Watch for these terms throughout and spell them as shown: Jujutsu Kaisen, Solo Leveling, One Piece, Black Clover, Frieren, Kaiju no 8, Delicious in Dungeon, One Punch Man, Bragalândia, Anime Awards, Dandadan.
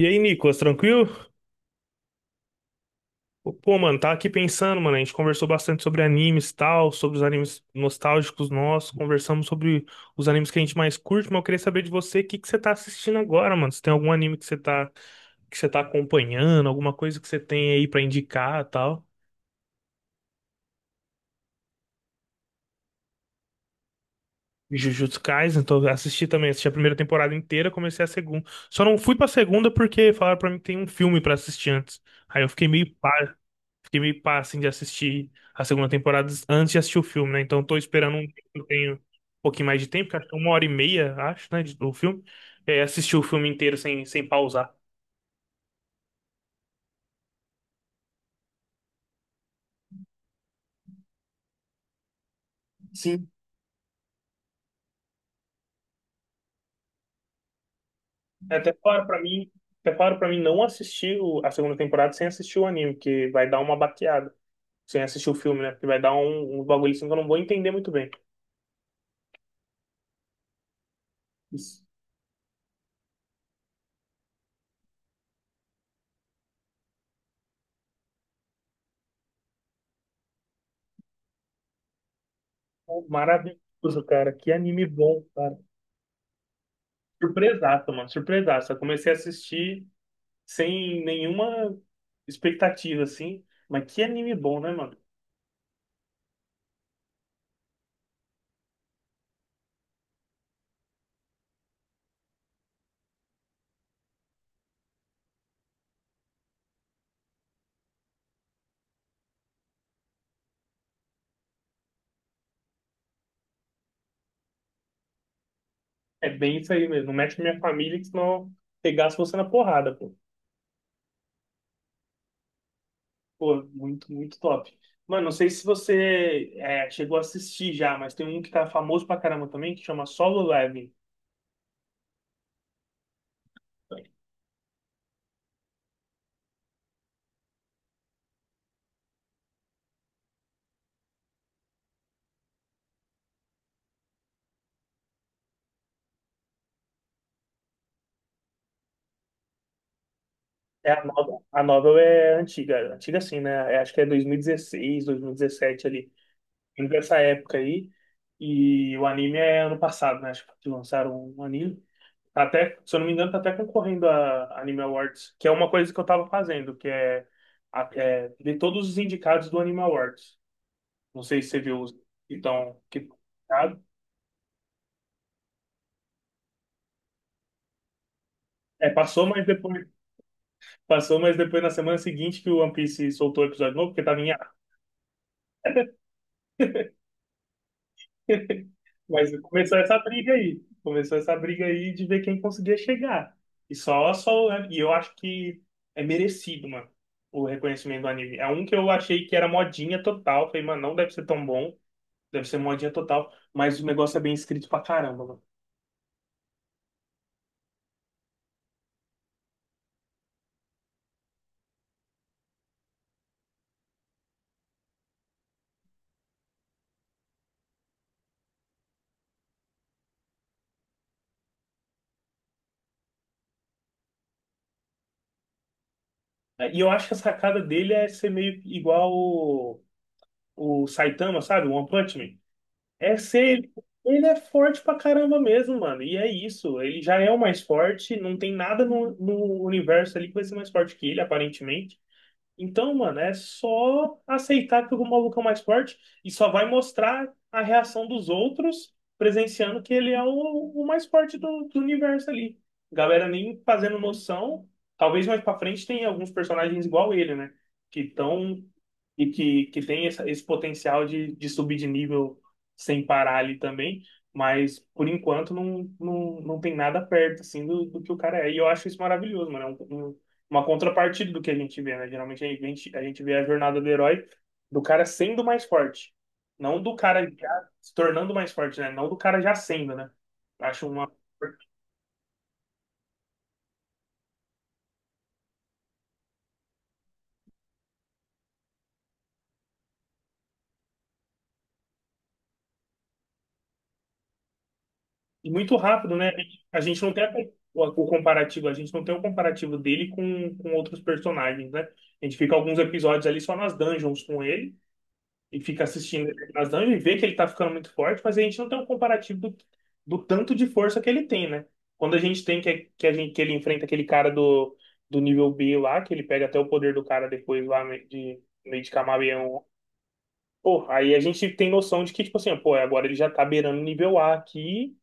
E aí, Nicolas, tranquilo? Pô, mano, tava aqui pensando, mano, a gente conversou bastante sobre animes e tal, sobre os animes nostálgicos nossos, conversamos sobre os animes que a gente mais curte, mas eu queria saber de você o que que você tá assistindo agora, mano. Se tem algum anime que você tá acompanhando, alguma coisa que você tem aí pra indicar e tal. Jujutsu Kaisen, então assisti também, assisti a primeira temporada inteira, comecei a segunda. Só não fui pra segunda porque falaram pra mim que tem um filme pra assistir antes. Aí eu fiquei meio. Fiquei meio pá, assim, de assistir a segunda temporada antes de assistir o filme, né? Então tô esperando um tempo, eu tenho um pouquinho mais de tempo, que acho que é uma hora e meia, acho, né, do filme. É, assistir o filme inteiro sem pausar. Sim. É até claro pra mim, até claro para mim não assistir a segunda temporada sem assistir o anime, que vai dar uma baqueada. Sem assistir o filme, né? Porque vai dar um bagulho assim que eu não vou entender muito bem. Isso. Pô, maravilhoso, cara. Que anime bom, cara. Surpresaça, mano. Surpresaça. Eu comecei a assistir sem nenhuma expectativa, assim. Mas que anime bom, né, mano? É bem isso aí mesmo. Não mete com minha família, que senão pegasse você na porrada, pô. Pô, muito, muito top. Mano, não sei se você é, chegou a assistir já, mas tem um que tá famoso pra caramba também, que chama Solo Leveling. É a novel. A novel é antiga, antiga assim, né? É, acho que é dois mil e dezesseis, dois mil e 2017 ali, entre essa época aí. E o anime é ano passado, né? Acho que lançaram um anime. Tá até, se eu não me engano, tá até concorrendo a Anime Awards, que é uma coisa que eu tava fazendo, que é, é ver todos os indicados do Anime Awards. Não sei se você viu os então que é, passou, mas depois na semana seguinte que o One Piece soltou o episódio novo, porque tava em ar. Mas começou essa briga aí, começou essa briga aí de ver quem conseguia chegar. E e eu acho que é merecido, mano, o reconhecimento do anime. É um que eu achei que era modinha total, falei, mano, não deve ser tão bom. Deve ser modinha total, mas o negócio é bem escrito pra caramba, mano. É, e eu acho que a sacada dele é ser meio igual o Saitama, sabe? O One Punch Man. É ser. Ele é forte pra caramba mesmo, mano. E é isso. Ele já é o mais forte. Não tem nada no universo ali que vai ser mais forte que ele, aparentemente. Então, mano, é só aceitar que o maluco é o mais forte e só vai mostrar a reação dos outros presenciando que ele é o mais forte do universo ali. Galera nem fazendo noção. Talvez mais pra frente tenha alguns personagens igual ele, né? Que estão e que tem essa, esse potencial de subir de nível sem parar ali também, mas por enquanto não tem nada perto assim do, do que o cara é. E eu acho isso maravilhoso, mano. É uma contrapartida do que a gente vê, né? Geralmente a gente vê a jornada do herói do cara sendo mais forte, não do cara já se tornando mais forte, né? Não do cara já sendo, né? Acho uma. E muito rápido, né? A gente não tem o comparativo, a gente não tem o comparativo dele com outros personagens, né? A gente fica alguns episódios ali só nas dungeons com ele e fica assistindo ele nas dungeons e vê que ele tá ficando muito forte, mas a gente não tem um comparativo do, do tanto de força que ele tem, né? Quando a gente tem que ele enfrenta aquele cara do, do nível B lá, que ele pega até o poder do cara depois lá meio de camaleão. Pô, aí a gente tem noção de que, tipo assim, pô, agora ele já tá beirando o nível A aqui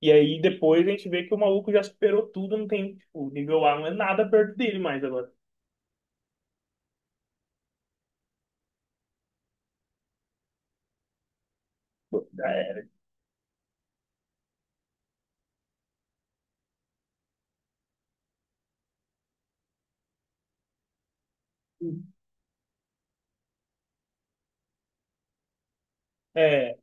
e aí depois a gente vê que o maluco já superou tudo, não tem, tipo, o nível A não é nada perto dele mais agora. É, é,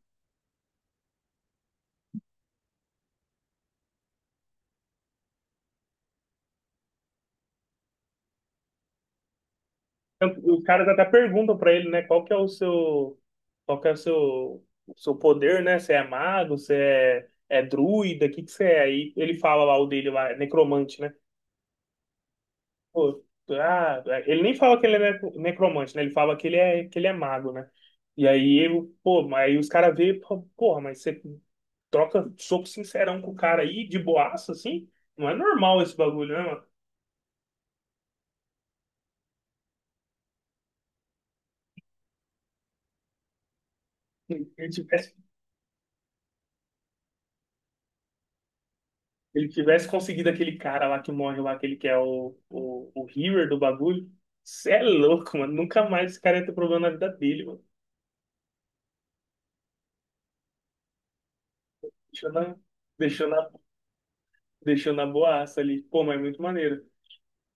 tanto- os caras até perguntam pra ele, né, qual que é o seu, qual que é o seu poder, né? Você é mago, você é, é druida, o que que você é? Aí ele fala lá o dele lá, é necromante, né? Pô, ah, ele nem fala que ele é necro- necromante, né? Ele fala que ele é mago, né? E aí, eu, pô, mas aí os caras veem, pô, porra, mas você troca soco sincerão com o cara aí, de boaça, assim. Não é normal esse bagulho, né, mano? Se Ele tivesse, ele tivesse conseguido aquele cara lá que morre lá, aquele que é o Healer do bagulho. Cê é louco, mano. Nunca mais esse cara ia ter problema na vida dele, mano. Deixou na, deixou na, deixou na boaça ali. Pô, mas é muito maneiro.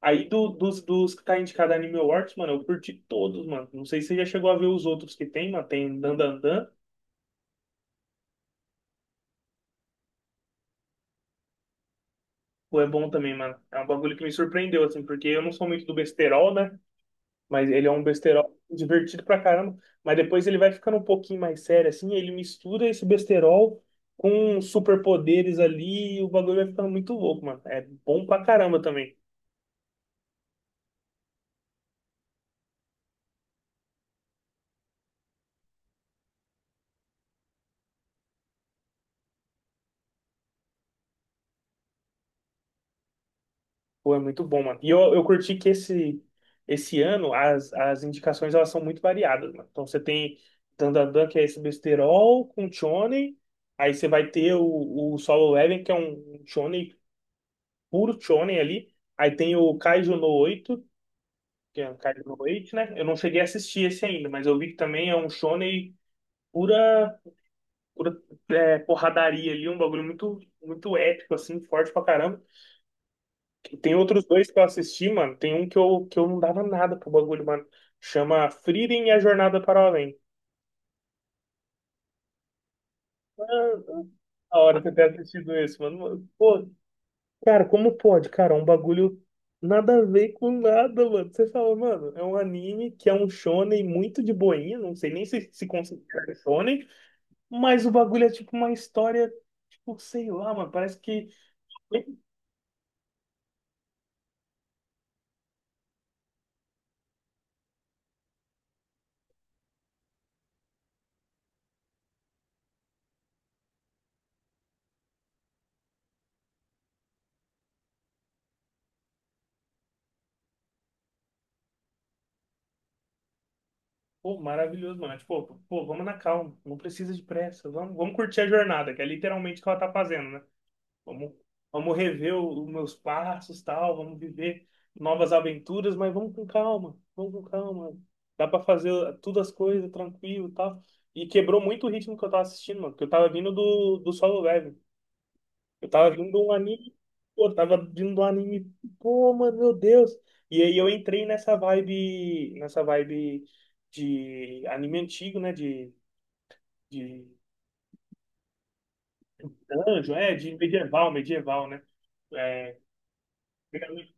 Aí dos que tá indicado a Anime Awards, mano, eu curti todos, mano. Não sei se você já chegou a ver os outros que tem, mano. Tem Dan Dan Dan. Pô, é bom também, mano. É um bagulho que me surpreendeu, assim, porque eu não sou muito do besterol, né? Mas ele é um besterol divertido pra caramba. Mas depois ele vai ficando um pouquinho mais sério, assim. Ele mistura esse besterol com superpoderes ali. E o bagulho vai ficando muito louco, mano. É bom pra caramba também. Pô, é muito bom, mano. E eu curti que esse ano as indicações elas são muito variadas, mano. Então você tem Dandadan, que é esse besterol com shonen. Aí você vai ter o Solo Leveling, que é um shonen, puro shonen ali. Aí tem o Kaiju no 8, que é um Kaido no Wait, né? Eu não cheguei a assistir esse ainda, mas eu vi que também é um shonen pura, pura é, porradaria ali, um bagulho muito, muito épico, assim, forte pra caramba. Tem outros dois que eu assisti, mano. Tem um que eu não dava nada pro bagulho, mano. Chama Frieren e a Jornada para o Além. Ah, a hora que eu tenho assistido esse, mano. Pô, cara, como pode, cara? Um bagulho nada a ver com nada, mano. Você fala, mano, é um anime que é um shonen muito de boinha, não sei nem se se considera shonen. Mas o bagulho é tipo uma história, tipo, sei lá, mano. Parece que. Pô, maravilhoso, mano. É tipo, pô, vamos na calma. Não precisa de pressa. Vamos curtir a jornada, que é literalmente o que ela tá fazendo, né? Vamos, vamos rever os meus passos, tal. Vamos viver novas aventuras, mas vamos com calma. Vamos com calma. Dá pra fazer todas as coisas tranquilo, e tal. E quebrou muito o ritmo que eu tava assistindo, mano. Porque eu tava vindo do, do solo level. Eu tava vindo de um anime, pô, mano, meu Deus. E aí eu entrei nessa vibe de anime antigo, né? De anjo, é, de medieval, né? É, realmente,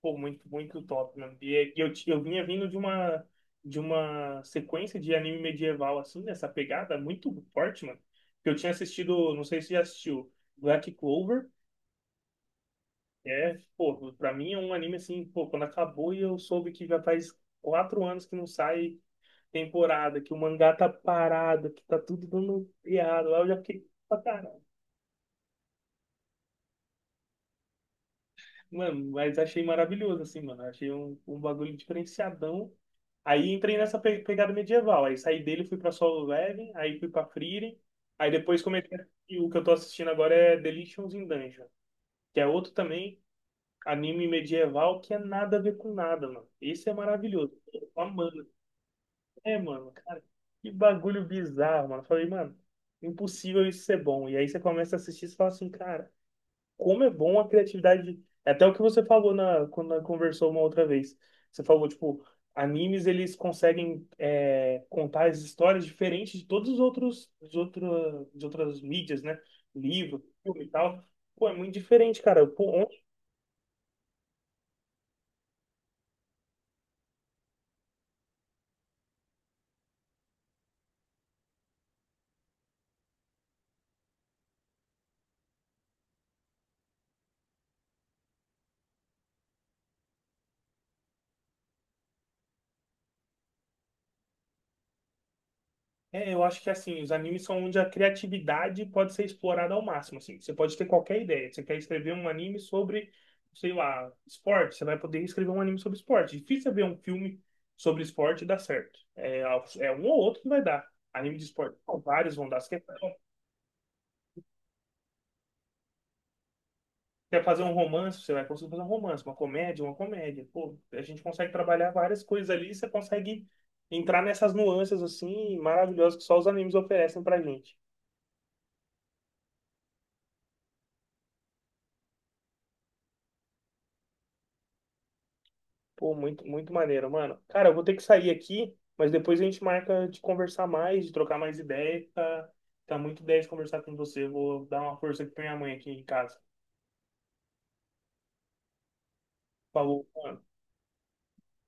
pô, muito, muito top, mano. E eu vinha vindo de uma sequência de anime medieval, assim, nessa pegada muito forte, mano. Que eu tinha assistido, não sei se já assistiu, Black Clover. É, pô, pra mim é um anime assim, pô, quando acabou e eu soube que já faz quatro anos que não sai temporada, que o mangá tá parado, que tá tudo dando errado, lá eu já fiquei pra caralho. Mano, mas achei maravilhoso, assim, mano, achei um bagulho diferenciadão. Aí entrei nessa pegada medieval, aí saí dele, fui pra Solo Leveling, aí fui pra Frieren, aí depois comecei, e o que eu tô assistindo agora é *Delicious in Dungeon, que é outro também, anime medieval que é nada a ver com nada, mano. Esse é maravilhoso. Tô amando. É, mano, cara, que bagulho bizarro, mano. Eu falei, mano, impossível isso ser bom. E aí você começa a assistir e você fala assim, cara, como é bom a criatividade. É até o que você falou na, quando nós conversou uma outra vez. Você falou, tipo, animes eles conseguem é, contar as histórias diferentes de todos os outros, de outra, de outras mídias, né? Livro, filme e tal. Pô, é muito diferente, cara. Pô, é, eu acho que assim, os animes são onde a criatividade pode ser explorada ao máximo, assim. Você pode ter qualquer ideia. Você quer escrever um anime sobre, sei lá, esporte, você vai poder escrever um anime sobre esporte. Difícil é ver um filme sobre esporte e dar certo. É, é um ou outro que vai dar. Anime de esporte, não, vários vão dar. Você quer fazer um romance, você vai conseguir fazer um romance, uma comédia. Pô, a gente consegue trabalhar várias coisas ali, e você consegue entrar nessas nuances assim maravilhosas que só os animes oferecem pra gente. Pô, muito, muito maneiro, mano. Cara, eu vou ter que sair aqui, mas depois a gente marca de conversar mais, de trocar mais ideia. Tá, tá muito 10 conversar com você. Vou dar uma força aqui pra minha mãe aqui em casa. Falou, mano.